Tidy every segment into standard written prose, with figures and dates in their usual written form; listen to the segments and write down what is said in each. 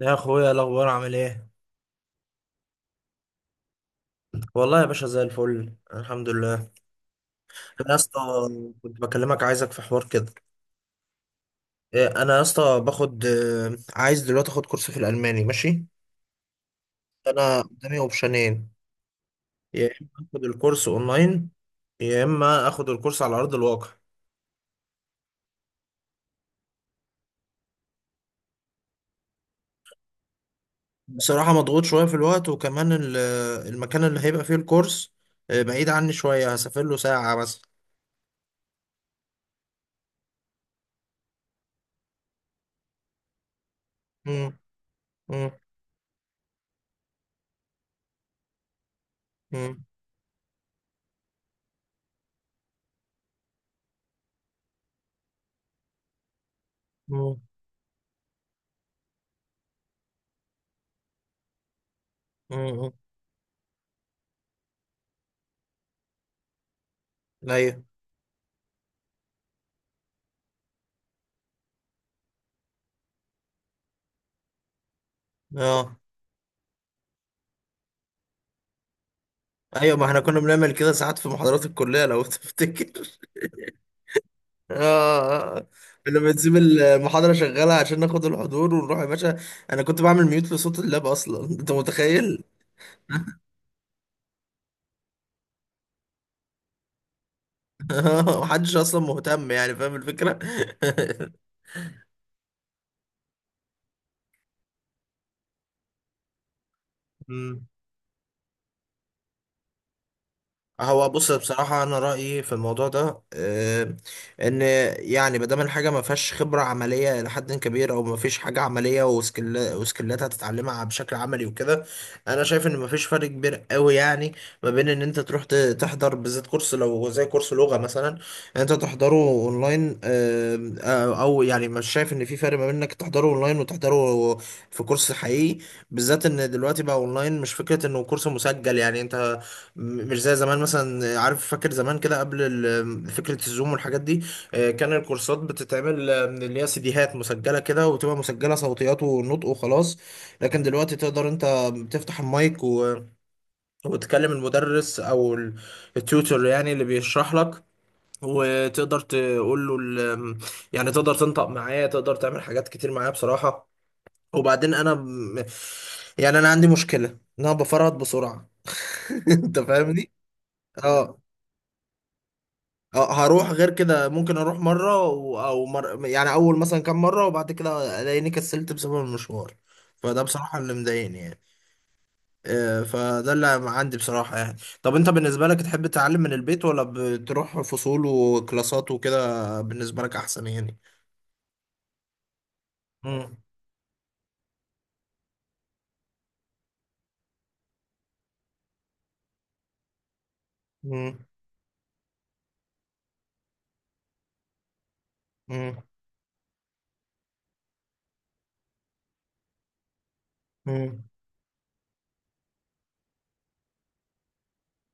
يا اخويا، إيه الاخبار؟ عامل ايه؟ والله يا باشا، زي الفل، الحمد لله. انا يا اسطى كنت بكلمك، عايزك في حوار كده. انا يا اسطى باخد عايز دلوقتي اخد كورس في الالماني، ماشي. انا قدامي اوبشنين: يا اما اخد الكورس اونلاين، يا اما اخد الكورس على ارض الواقع. بصراحه مضغوط شويه في الوقت، وكمان المكان اللي هيبقى فيه الكورس بعيد عني شويه، هسافر له ساعه مثلا. امم، امم، امم، امم، امم، ايوه، اه، ايوه. ما احنا كنا بنعمل كده ساعات في محاضرات الكليه لو تفتكر. اه، آه. كنا بنسيب المحاضره شغاله عشان ناخد الحضور ونروح يا باشا. انا كنت بعمل ميوت لصوت اللاب اصلا، انت متخيل؟ محدش اصلا مهتم، يعني فاهم الفكره. مم. هو بص، بصراحة أنا رأيي في الموضوع ده إن يعني ما دام الحاجة ما فيهاش خبرة عملية إلى حد كبير، أو ما فيش حاجة عملية وسكيل وسكيلات هتتعلمها بشكل عملي وكده، أنا شايف إن ما فيش فرق كبير قوي يعني، ما بين إن أنت تروح تحضر، بالذات كورس لو زي كورس لغة مثلا أنت تحضره أونلاين. أو يعني مش شايف إن في فرق ما بين إنك تحضره أونلاين وتحضره في كورس حقيقي، بالذات إن دلوقتي بقى أونلاين مش فكرة إنه كورس مسجل يعني أنت مش زي زمان مثلا. عارف، فاكر زمان كده قبل فكرة الزوم والحاجات دي، كان الكورسات بتتعمل من اللي هي سيديهات مسجلة كده، وتبقى مسجلة صوتيات ونطق وخلاص. لكن دلوقتي تقدر انت بتفتح المايك و... وتكلم المدرس او التيوتور يعني اللي بيشرح لك، وتقدر تقول له ال... يعني تقدر تنطق معاه، تقدر تعمل حاجات كتير معاه بصراحة. وبعدين انا يعني انا عندي مشكلة ان انا بفرط بسرعة. انت فاهمني؟ اه. اه، هروح غير كده ممكن اروح مره او يعني اول مثلا كام مره، وبعد كده الاقيني كسلت بسبب المشوار. فده بصراحه اللي مضايقني يعني. فده اللي عندي بصراحه يعني. طب انت بالنسبه لك تحب تتعلم من البيت، ولا بتروح فصول وكلاسات وكده بالنسبه لك احسن يعني؟ مم. مم. مم. مم.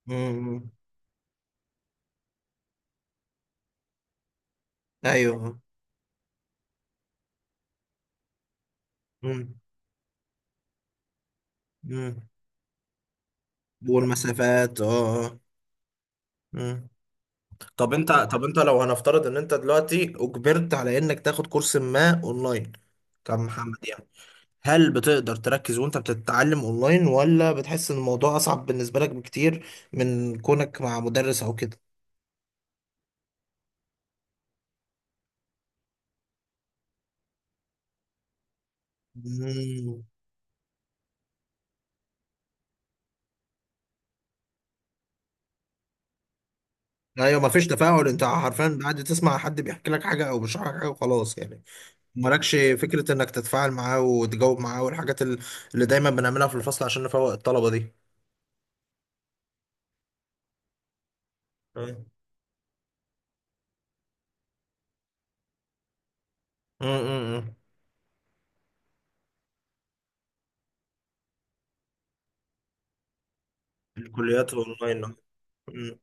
مم. ايوه. مم. مم. والمسافات، اه، آه. مم. طب انت لو هنفترض ان انت دلوقتي اجبرت على انك تاخد كورس ما اونلاين، كمحمد يعني، هل بتقدر تركز وانت بتتعلم اونلاين، ولا بتحس ان الموضوع اصعب بالنسبة لك بكتير من كونك مع مدرس او كده؟ مم. ايوه، مفيش تفاعل، انت حرفيا قاعد تسمع حد بيحكي لك حاجة او بيشرح لك حاجة وخلاص يعني. مالكش فكرة انك تتفاعل معاه وتجاوب معاه، والحاجات اللي دايما بنعملها في الفصل عشان نفوق الطلبة دي. مم. مم. مم. الكليات اونلاين. مم.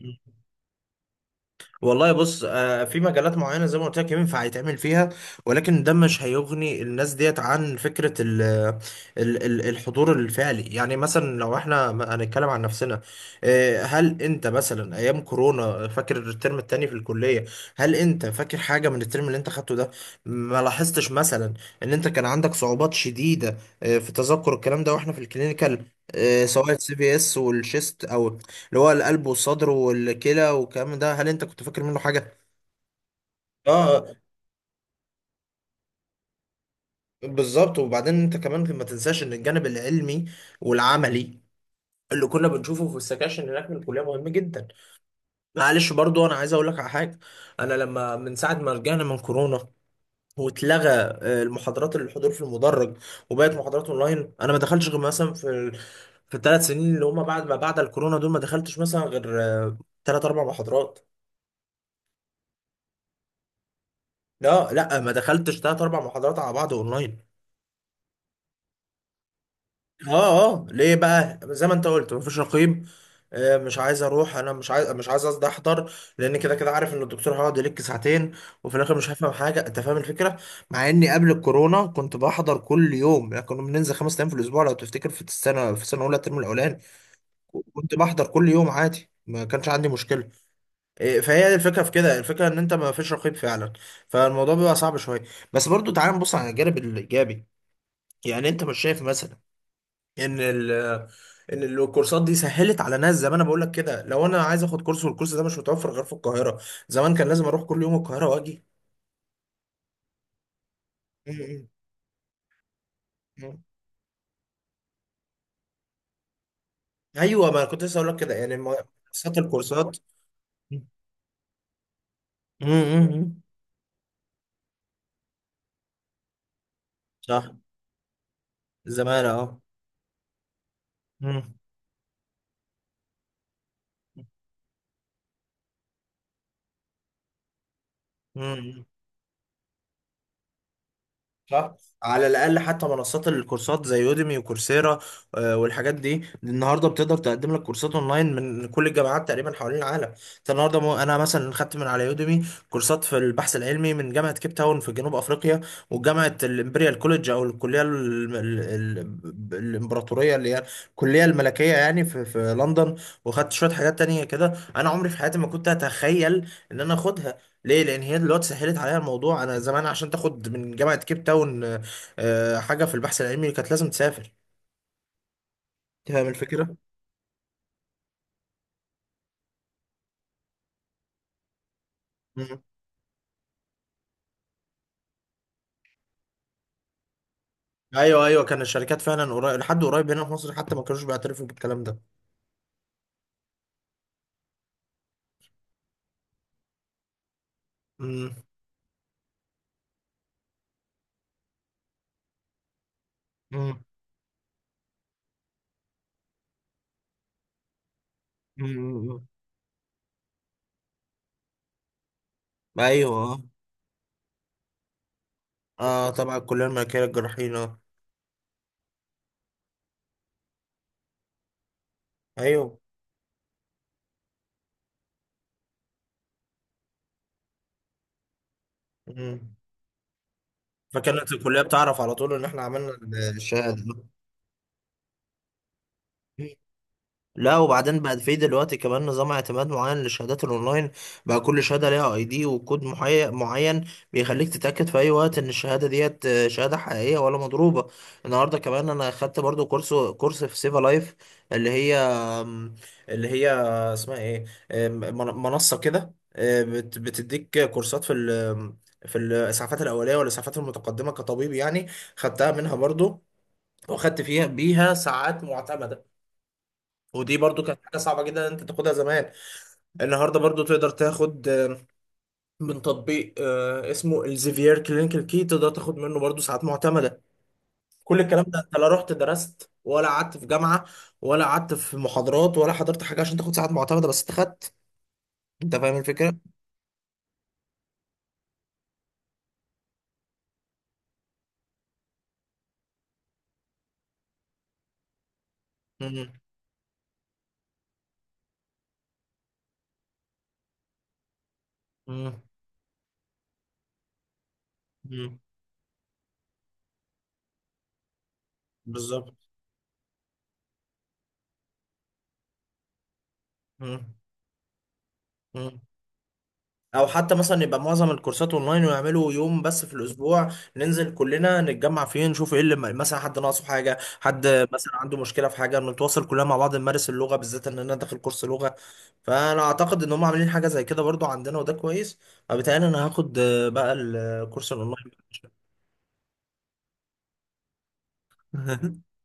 مم. والله بص، في مجالات معينة زي ما قلت لك ينفع يتعمل فيها، ولكن ده مش هيغني الناس ديت عن فكرة ال ال ال الحضور الفعلي. يعني مثلا لو احنا هنتكلم عن نفسنا، هل انت مثلا ايام كورونا فاكر الترم التاني في الكلية؟ هل انت فاكر حاجة من الترم اللي انت خدته ده؟ ما لاحظتش مثلا ان انت كان عندك صعوبات شديدة في تذكر الكلام ده واحنا في الكلينيكال، سواء السي في اس والشيست، او اللي هو القلب والصدر والكلى والكلام ده، هل انت كنت فاكر منه حاجة؟ اه. بالظبط. وبعدين انت كمان ما تنساش ان الجانب العلمي والعملي اللي كنا بنشوفه في السكاشن هناك من الكليه مهم جدا. معلش برضو انا عايز اقول لك على حاجه. انا لما من ساعه ما رجعنا من كورونا، واتلغى المحاضرات اللي الحضور في المدرج وبقت محاضرات اونلاين، انا ما دخلتش غير مثلا في في الثلاث سنين اللي هم بعد الكورونا دول، ما دخلتش مثلا غير 3 أو 4 محاضرات. لا لا، ما دخلتش 3 أو 4 محاضرات على بعض اونلاين. اه. اه، ليه بقى؟ زي ما انت قلت، مفيش رقيب. مش عايز اروح، انا مش عايز، قصدي احضر، لان كده كده عارف ان الدكتور هيقعد يلك ساعتين، وفي الاخر مش هفهم حاجه. انت فاهم الفكره؟ مع اني قبل الكورونا كنت بحضر كل يوم، يعني كنا بننزل 5 ايام في الاسبوع لو تفتكر، في السنه، في السنه الاولى الترم الاولاني كنت بحضر كل يوم عادي، ما كانش عندي مشكله. فهي دي الفكره في كده، الفكره ان انت ما فيش رقيب فعلا، فالموضوع بيبقى صعب شويه. بس برضو تعال نبص على الجانب الايجابي، يعني انت مش شايف مثلا ان ان الكورسات دي سهلت على ناس؟ زي ما انا بقول لك كده، لو انا عايز اخد كورس والكورس ده مش متوفر غير في القاهره، زمان كان لازم اروح كل يوم القاهره واجي. م- م- م. ايوه، ما انا كنت لسه اقول لك كده يعني، منصات الكورسات. م- م- م. صح، زمان، اه. م- م- صح. على الاقل حتى منصات الكورسات زي يوديمي وكورسيرا، والحاجات دي النهارده بتقدر تقدم لك كورسات اونلاين من كل الجامعات تقريبا حوالين العالم. انت النهارده انا مثلا خدت من على يوديمي كورسات في البحث العلمي من جامعه كيب تاون في جنوب افريقيا، وجامعه الامبريال كوليدج، او الكليه الامبراطوريه اللي هي الكليه الملكيه يعني، في لندن. وخدت شويه حاجات تانية كده انا عمري في حياتي ما كنت اتخيل ان انا اخدها. ليه؟ لان هي دلوقتي سهلت عليها الموضوع. انا زمان عشان تاخد من جامعه كيب تاون حاجه في البحث العلمي كانت لازم تسافر. فاهم الفكره. مم. ايوه، كان الشركات فعلا قريب، لحد قريب هنا في مصر حتى ما كانوش بيعترفوا بالكلام ده. مم. مم. مم. ايوه. اه طبعا، الكليه الملكيه للجراحين، اه. ايوه. مم. فكانت الكليه بتعرف على طول ان احنا عملنا الشهاده. لا، وبعدين بقى في دلوقتي كمان نظام اعتماد معين للشهادات الاونلاين، بقى كل شهاده ليها اي دي وكود معين، بيخليك تتاكد في اي وقت ان الشهاده ديت شهاده حقيقيه ولا مضروبه. النهارده كمان انا خدت برضو كورس، كورس في سيفا لايف، اللي هي اللي هي اسمها ايه؟ آم، من- منصه كده بتديك كورسات في في الاسعافات الاوليه والاسعافات المتقدمه كطبيب يعني. خدتها منها برضو، وخدت فيها بيها ساعات معتمده. ودي برضو كانت حاجة صعبة جدا ان انت تاخدها زمان. النهاردة برضو تقدر تاخد من تطبيق اسمه الزيفير كلينيكال كي، تقدر تاخد منه برضو ساعات معتمدة. كل الكلام ده انت لا رحت درست ولا قعدت في جامعة، ولا قعدت في محاضرات، ولا حضرت حاجة عشان تاخد ساعات معتمدة، بس انت خدت. انت فاهم الفكرة؟ مم. مم. مم. بالظبط. مم. مم. او حتى مثلا يبقى معظم الكورسات اونلاين ويعملوا يوم بس في الاسبوع ننزل كلنا نتجمع فيه، نشوف ايه اللي مثلا حد ناقصه حاجه، حد مثلا عنده مشكله في حاجه، نتواصل كلنا مع بعض، نمارس اللغه، بالذات ان انا داخل كورس لغه. فانا اعتقد ان هم عاملين حاجه زي كده برضو عندنا وده كويس، فبالتالي انا هاخد بقى الكورس الاونلاين.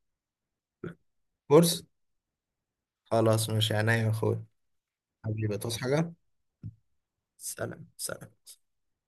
كورس. خلاص ماشي عينيا يا اخويا. حبيبي تصحى حاجه؟ سلام سلام.